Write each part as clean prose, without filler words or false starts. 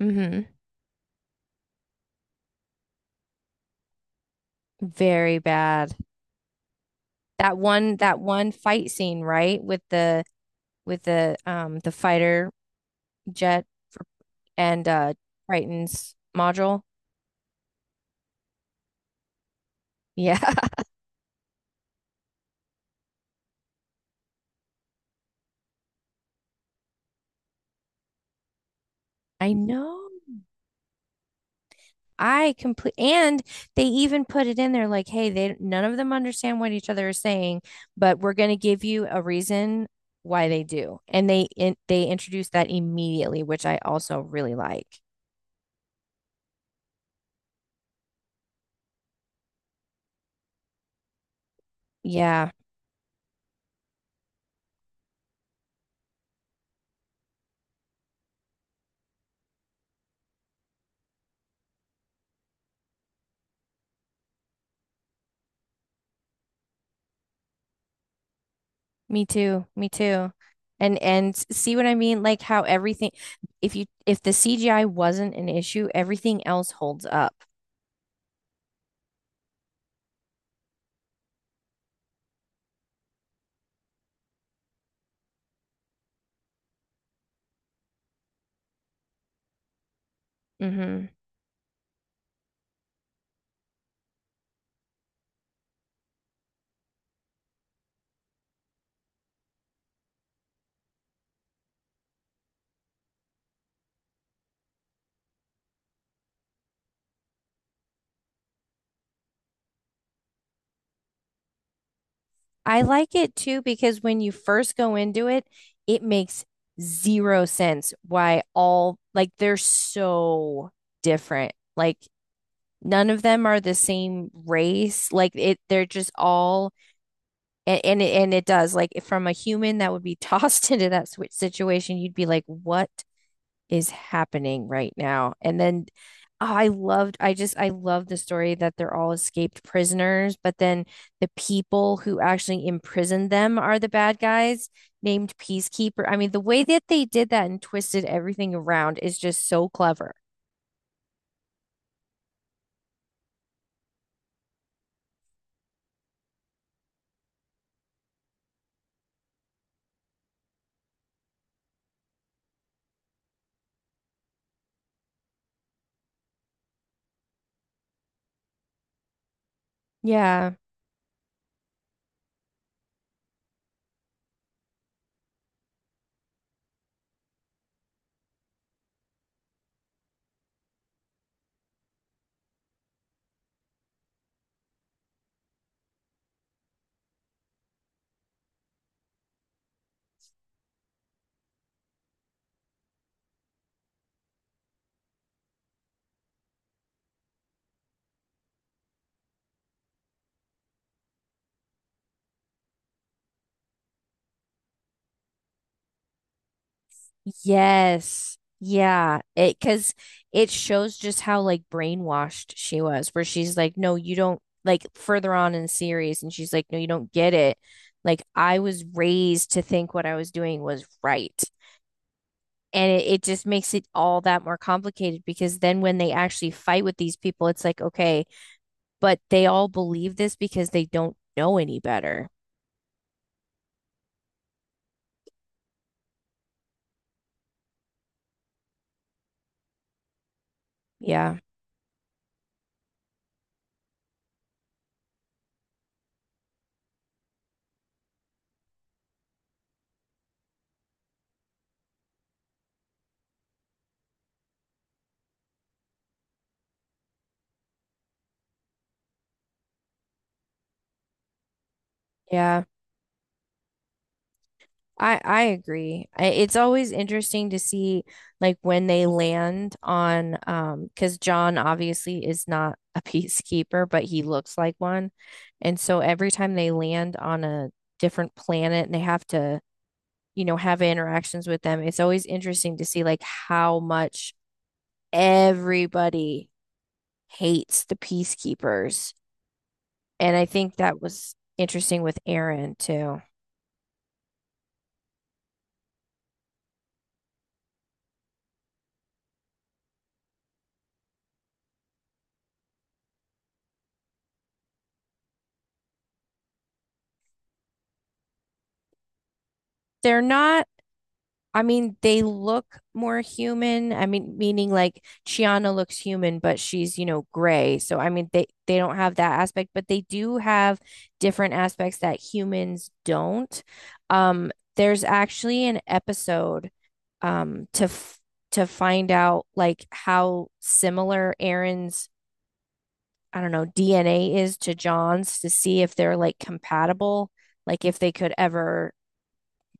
Hmm. Very bad. That one fight scene, right? With the the fighter jet for, and Triton's module. Yeah. I know. I complete and they even put it in there like, hey, they none of them understand what each other is saying, but we're gonna give you a reason why they do. And they introduced that immediately, which I also really like. Yeah. Me too. Me too. And see what I mean? Like how everything, if you if the CGI wasn't an issue, everything else holds up. Hmm. I like it too because when you first go into it, it makes zero sense why, all like, they're so different. Like none of them are the same race. Like it they're just all, and it does, like, if from a human that would be tossed into that situation, you'd be like, "What is happening right now?" And then, oh, I loved, I love the story that they're all escaped prisoners, but then the people who actually imprisoned them are the bad guys named Peacekeeper. I mean, the way that they did that and twisted everything around is just so clever. Yeah. Yes. Yeah. It, because it shows just how, like, brainwashed she was, where she's like, no, you don't, like further on in the series, and she's like, no, you don't get it. Like, I was raised to think what I was doing was right. And it just makes it all that more complicated, because then when they actually fight with these people, it's like, okay, but they all believe this because they don't know any better. Yeah. Yeah. I agree. I- It's always interesting to see, like, when they land on, because John obviously is not a peacekeeper, but he looks like one. And so every time they land on a different planet and they have to, you know, have interactions with them, it's always interesting to see, like, how much everybody hates the peacekeepers. And I think that was interesting with Aaron too. They're not I mean, they look more human. I mean, meaning like Chiana looks human, but she's, you know, gray. So I mean, they don't have that aspect, but they do have different aspects that humans don't. There's actually an episode, um to f to find out like how similar Aaron's, I don't know, DNA is to John's, to see if they're like compatible, like if they could ever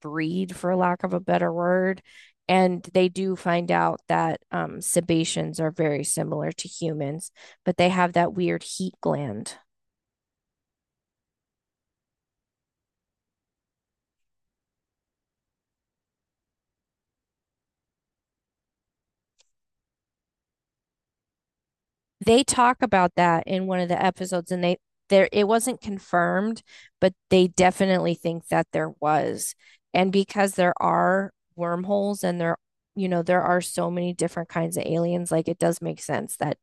breed, for lack of a better word. And they do find out that, Sebaceans are very similar to humans, but they have that weird heat gland. They talk about that in one of the episodes, and they there, it wasn't confirmed, but they definitely think that there was. And because there are wormholes and there, you know, there are so many different kinds of aliens, like, it does make sense that,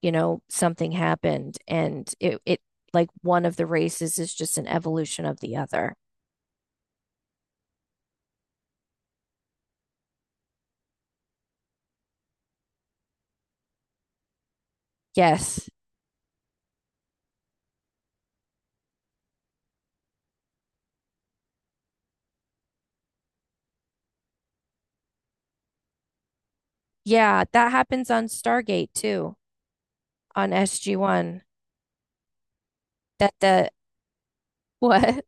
you know, something happened and it, like, one of the races is just an evolution of the other. Yes. Yeah, that happens on Stargate too, on SG-1. That the What?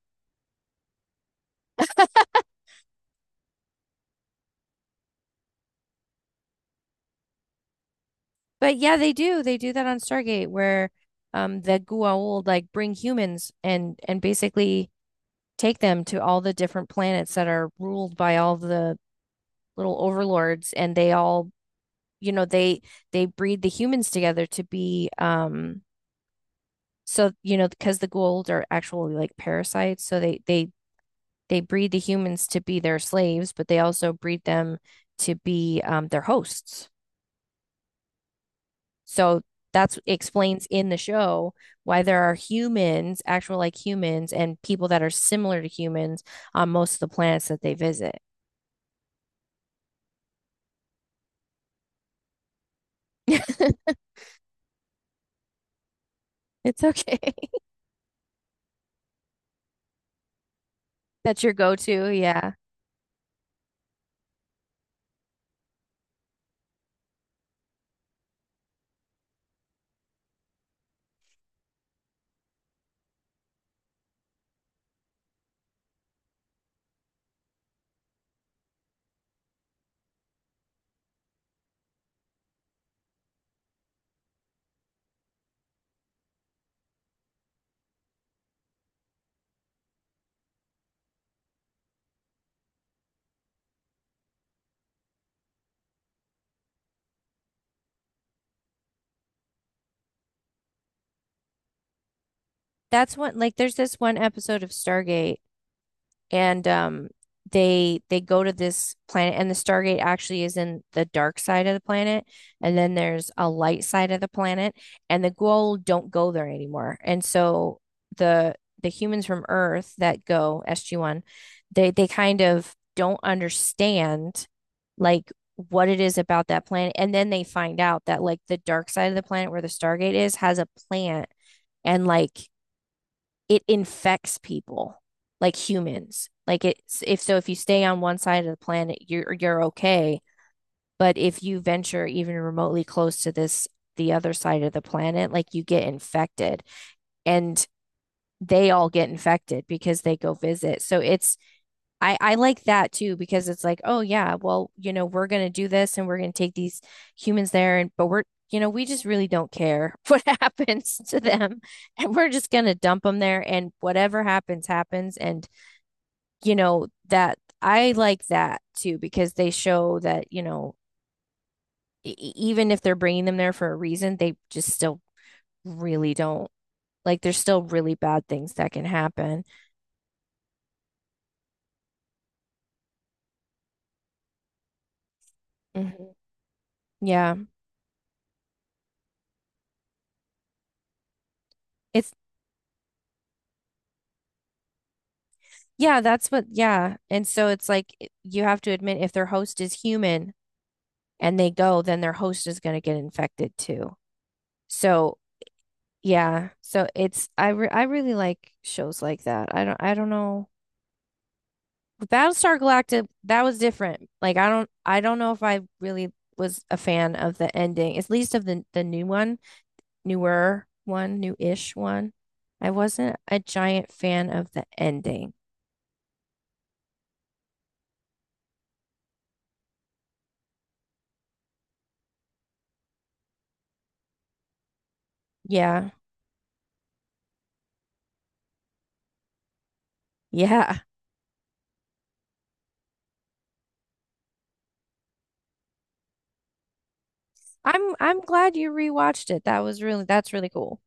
But yeah, they do. They do that on Stargate where, the Goa'uld, like, bring humans and basically take them to all the different planets that are ruled by all the little overlords, and they all, you know, they breed the humans together to be, so, you know, because the Goa'uld are actually like parasites, so they they breed the humans to be their slaves, but they also breed them to be, their hosts. So that's explains in the show why there are humans, actual like humans, and people that are similar to humans on most of the planets that they visit. It's okay. That's your go-to. Yeah. That's one, like, there's this one episode of Stargate. And they go to this planet, and the Stargate actually is in the dark side of the planet, and then there's a light side of the planet, and the Goa'uld don't go there anymore. And so the the humans from Earth that go SG-1, they kind of don't understand like what it is about that planet. And then they find out that like the dark side of the planet where the Stargate is has a plant, and, like, it infects people, like humans. Like, it's, if, so if you stay on one side of the planet, you're okay. But if you venture even remotely close to this the other side of the planet, like, you get infected. And they all get infected because they go visit. So it's, I like that too because it's like, oh yeah, well, you know, we're going to do this and we're going to take these humans there, and but we're, you know, we just really don't care what happens to them, and we're just going to dump them there and whatever happens happens. And you know, that I like that too because they show that, you know, even if they're bringing them there for a reason, they just still really don't, like, there's still really bad things that can happen. Mhm. Yeah. It's, yeah, that's what, yeah. And so it's, like, it, you have to admit, if their host is human and they go, then their host is going to get infected too. So, yeah. So it's, I really like shows like that. I don't know. With Battlestar Galactica, that was different. Like, I don't know if I really was a fan of the ending, at least of the new one, newer one, new-ish one. I wasn't a giant fan of the ending. Yeah. Yeah. I'm glad you rewatched it. That was really, that's really cool.